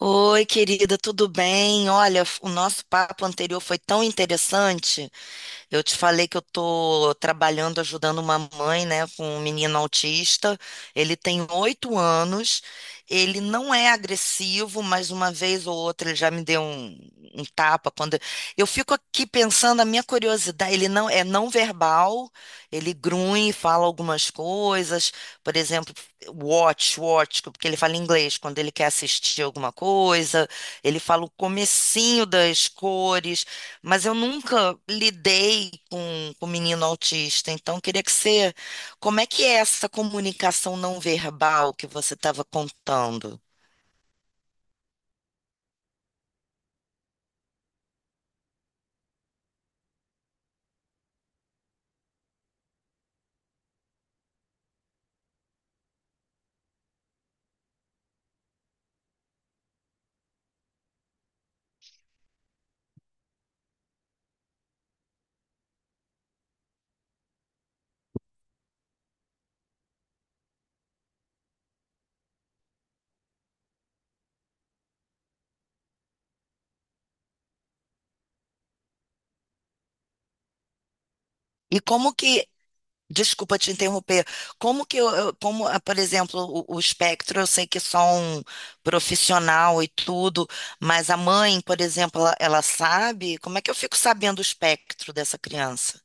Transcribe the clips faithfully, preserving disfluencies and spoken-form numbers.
Oi, querida, tudo bem? Olha, o nosso papo anterior foi tão interessante. Eu te falei que eu estou trabalhando, ajudando uma mãe, né, com um menino autista. Ele tem oito anos. Ele não é agressivo, mas uma vez ou outra ele já me deu um, um tapa quando eu fico aqui pensando a minha curiosidade. Ele não é não verbal. Ele grunhe, fala algumas coisas. Por exemplo, watch, watch, porque ele fala inglês quando ele quer assistir alguma coisa. Ele fala o comecinho das cores. Mas eu nunca lidei com, com menino autista, então queria que você. Como é que é essa comunicação não verbal que você estava contando? E como que. Desculpa te interromper. Como que eu, eu- como, ah, por exemplo, o, o espectro, eu sei que é só um profissional e tudo, mas a mãe, por exemplo, ela, ela sabe? Como é que eu fico sabendo o espectro dessa criança?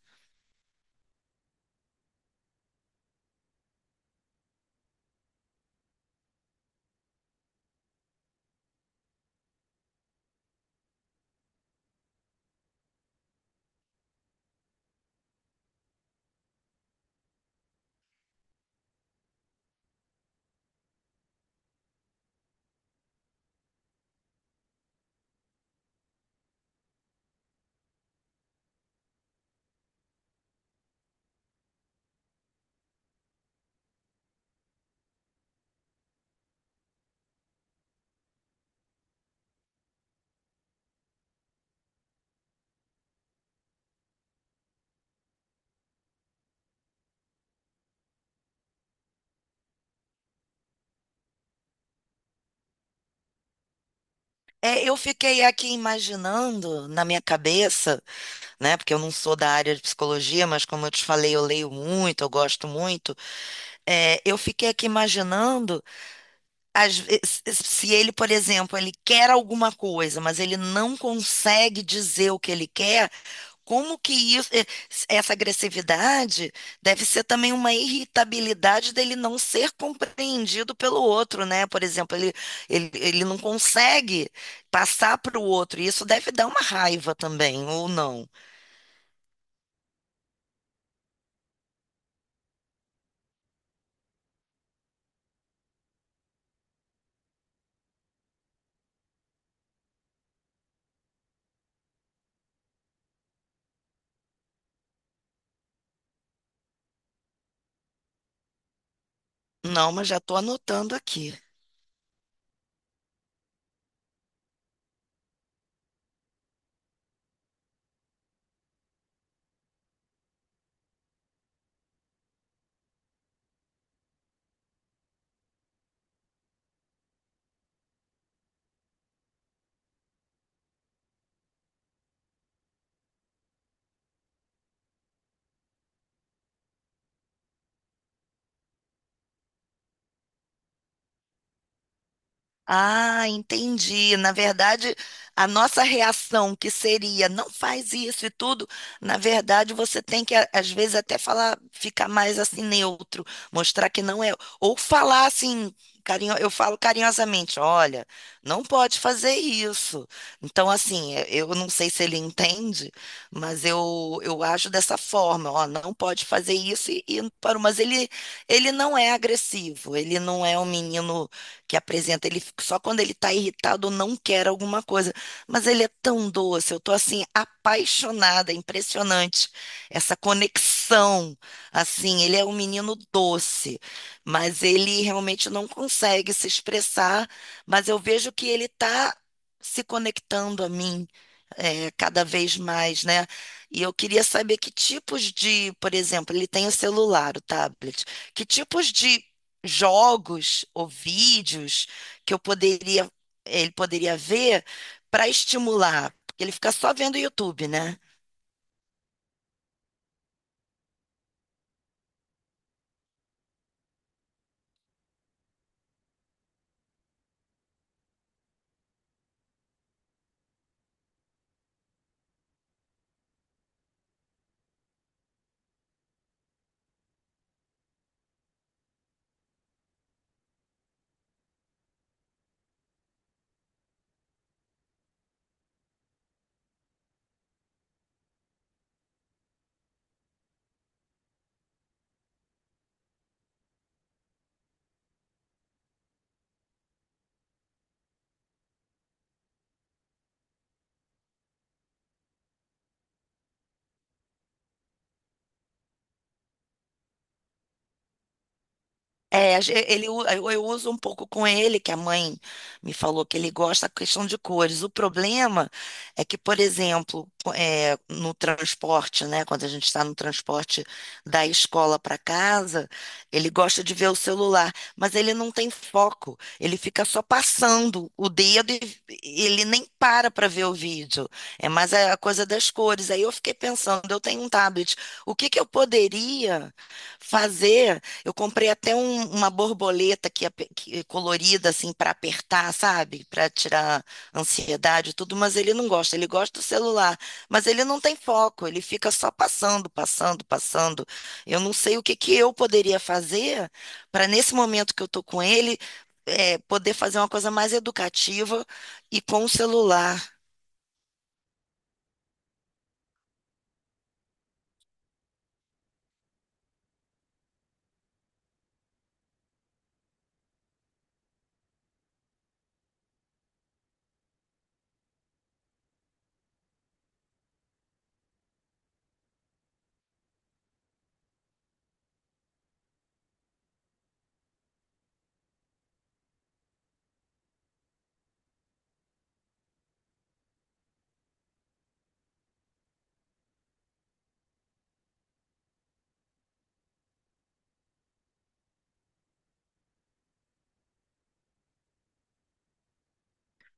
É, eu fiquei aqui imaginando na minha cabeça. Né? Porque eu não sou da área de psicologia, mas como eu te falei, eu leio muito, eu gosto muito. É, eu fiquei aqui imaginando, às vezes, se ele, por exemplo, ele quer alguma coisa, mas ele não consegue dizer o que ele quer, como que isso, eh, essa agressividade deve ser também uma irritabilidade dele não ser compreendido pelo outro, né? Por exemplo, ele, ele, ele não consegue passar para o outro, e isso deve dar uma raiva também, ou não? Não, mas já estou anotando aqui. Ah, entendi. Na verdade, a nossa reação que seria não faz isso e tudo, na verdade você tem que a- às vezes até falar, ficar mais assim neutro, mostrar que não é, ou falar assim, carinho, eu falo carinhosamente, olha, não pode fazer isso. Então assim, é- eu não sei se ele entende, mas eu eu acho dessa forma, ó, não pode fazer isso e, e parou, mas ele ele não é agressivo, ele não é um menino que apresenta. Ele só quando ele está irritado ou não quer alguma coisa. Mas ele é tão doce, eu tô assim apaixonada, é impressionante essa conexão. Assim, ele é um menino doce, mas ele realmente não consegue se expressar, mas eu vejo que ele está se conectando a mim. É, cada vez mais, né? E eu queria saber que tipos de, por exemplo, ele tem o celular, o tablet, que tipos de jogos ou vídeos que eu poderia, ele poderia ver para estimular, porque ele fica só vendo o YouTube, né? É, a gen- ele, u- eu eu uso um pouco com ele, que a mãe me falou que ele gosta da questão de cores. O problema é que, por exemplo, co- é, no transporte, né, quando a gente está no transporte da escola para casa, ele gosta de ver o celular, mas ele não tem foco. Ele fica só passando o dedo e e ele nem para para ver o vídeo. É mais a coisa das cores. Aí eu fiquei pensando, eu tenho um tablet, o que que eu poderia fazer? Eu comprei até um- uma borboleta que, ape- que- é colorida assim para apertar, sabe? Para tirar ansiedade e tudo, mas ele não gosta. Ele gosta do celular, mas ele não tem foco. Ele fica só passando, passando, passando. Eu não sei o que que eu poderia fazer para nesse momento que eu tô com ele, é, poder fazer uma coisa mais educativa e com o celular.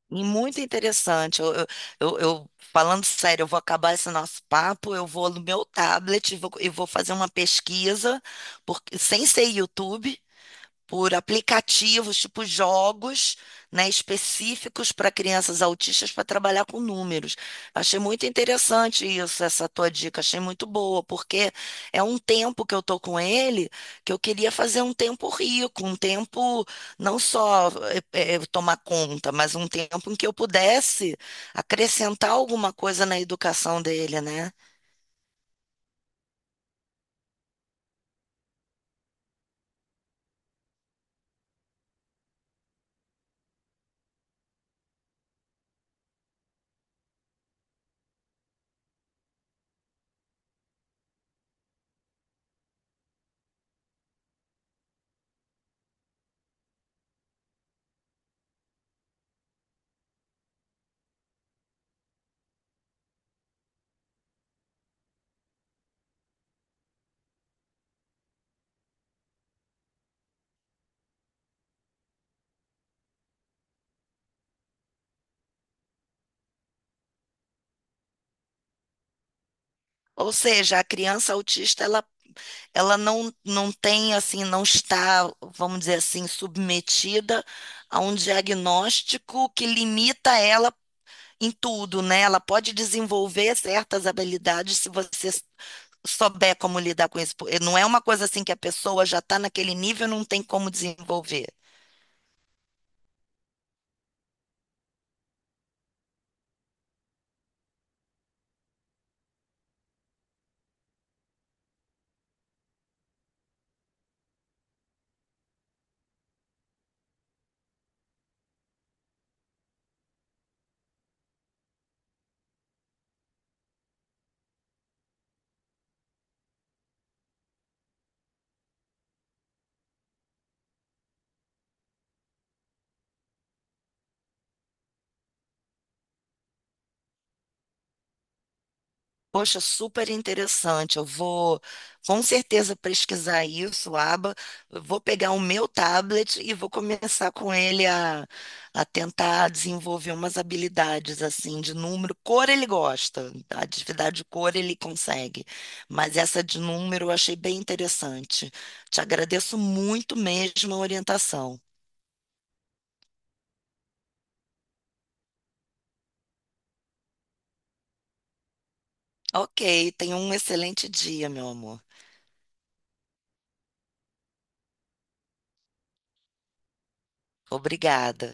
E muito interessante. Eu, eu, eu- eu- falando sério, eu vou acabar esse nosso papo, eu vou no meu tablet e vou, e vou fazer uma pesquisa, porque sem ser YouTube, por aplicativos, tipo jogos, né, específicos para crianças autistas para trabalhar com números. Achei muito interessante isso, essa tua dica, achei muito boa, porque é um tempo que eu tô com ele, que eu queria fazer um tempo rico, um tempo não só eh, eh, tomar conta, mas um tempo em que eu pudesse acrescentar alguma coisa na educação dele, né? Ou seja, a criança autista, ela Ela não, não tem, assim, não está, vamos dizer assim, submetida a um diagnóstico que limita ela em tudo, né? Ela pode desenvolver certas habilidades se você souber como lidar com isso. Não é uma coisa assim que a pessoa já está naquele nível e não tem como desenvolver. Poxa, super interessante. Eu vou com certeza pesquisar isso, Aba. Eu vou pegar o meu tablet e vou começar com ele a, a tentar desenvolver umas habilidades assim de número. Cor ele gosta, a atividade de cor ele consegue, mas essa de número eu achei bem interessante. Te agradeço muito mesmo a orientação. Ok, tenha um excelente dia, meu amor. Obrigada.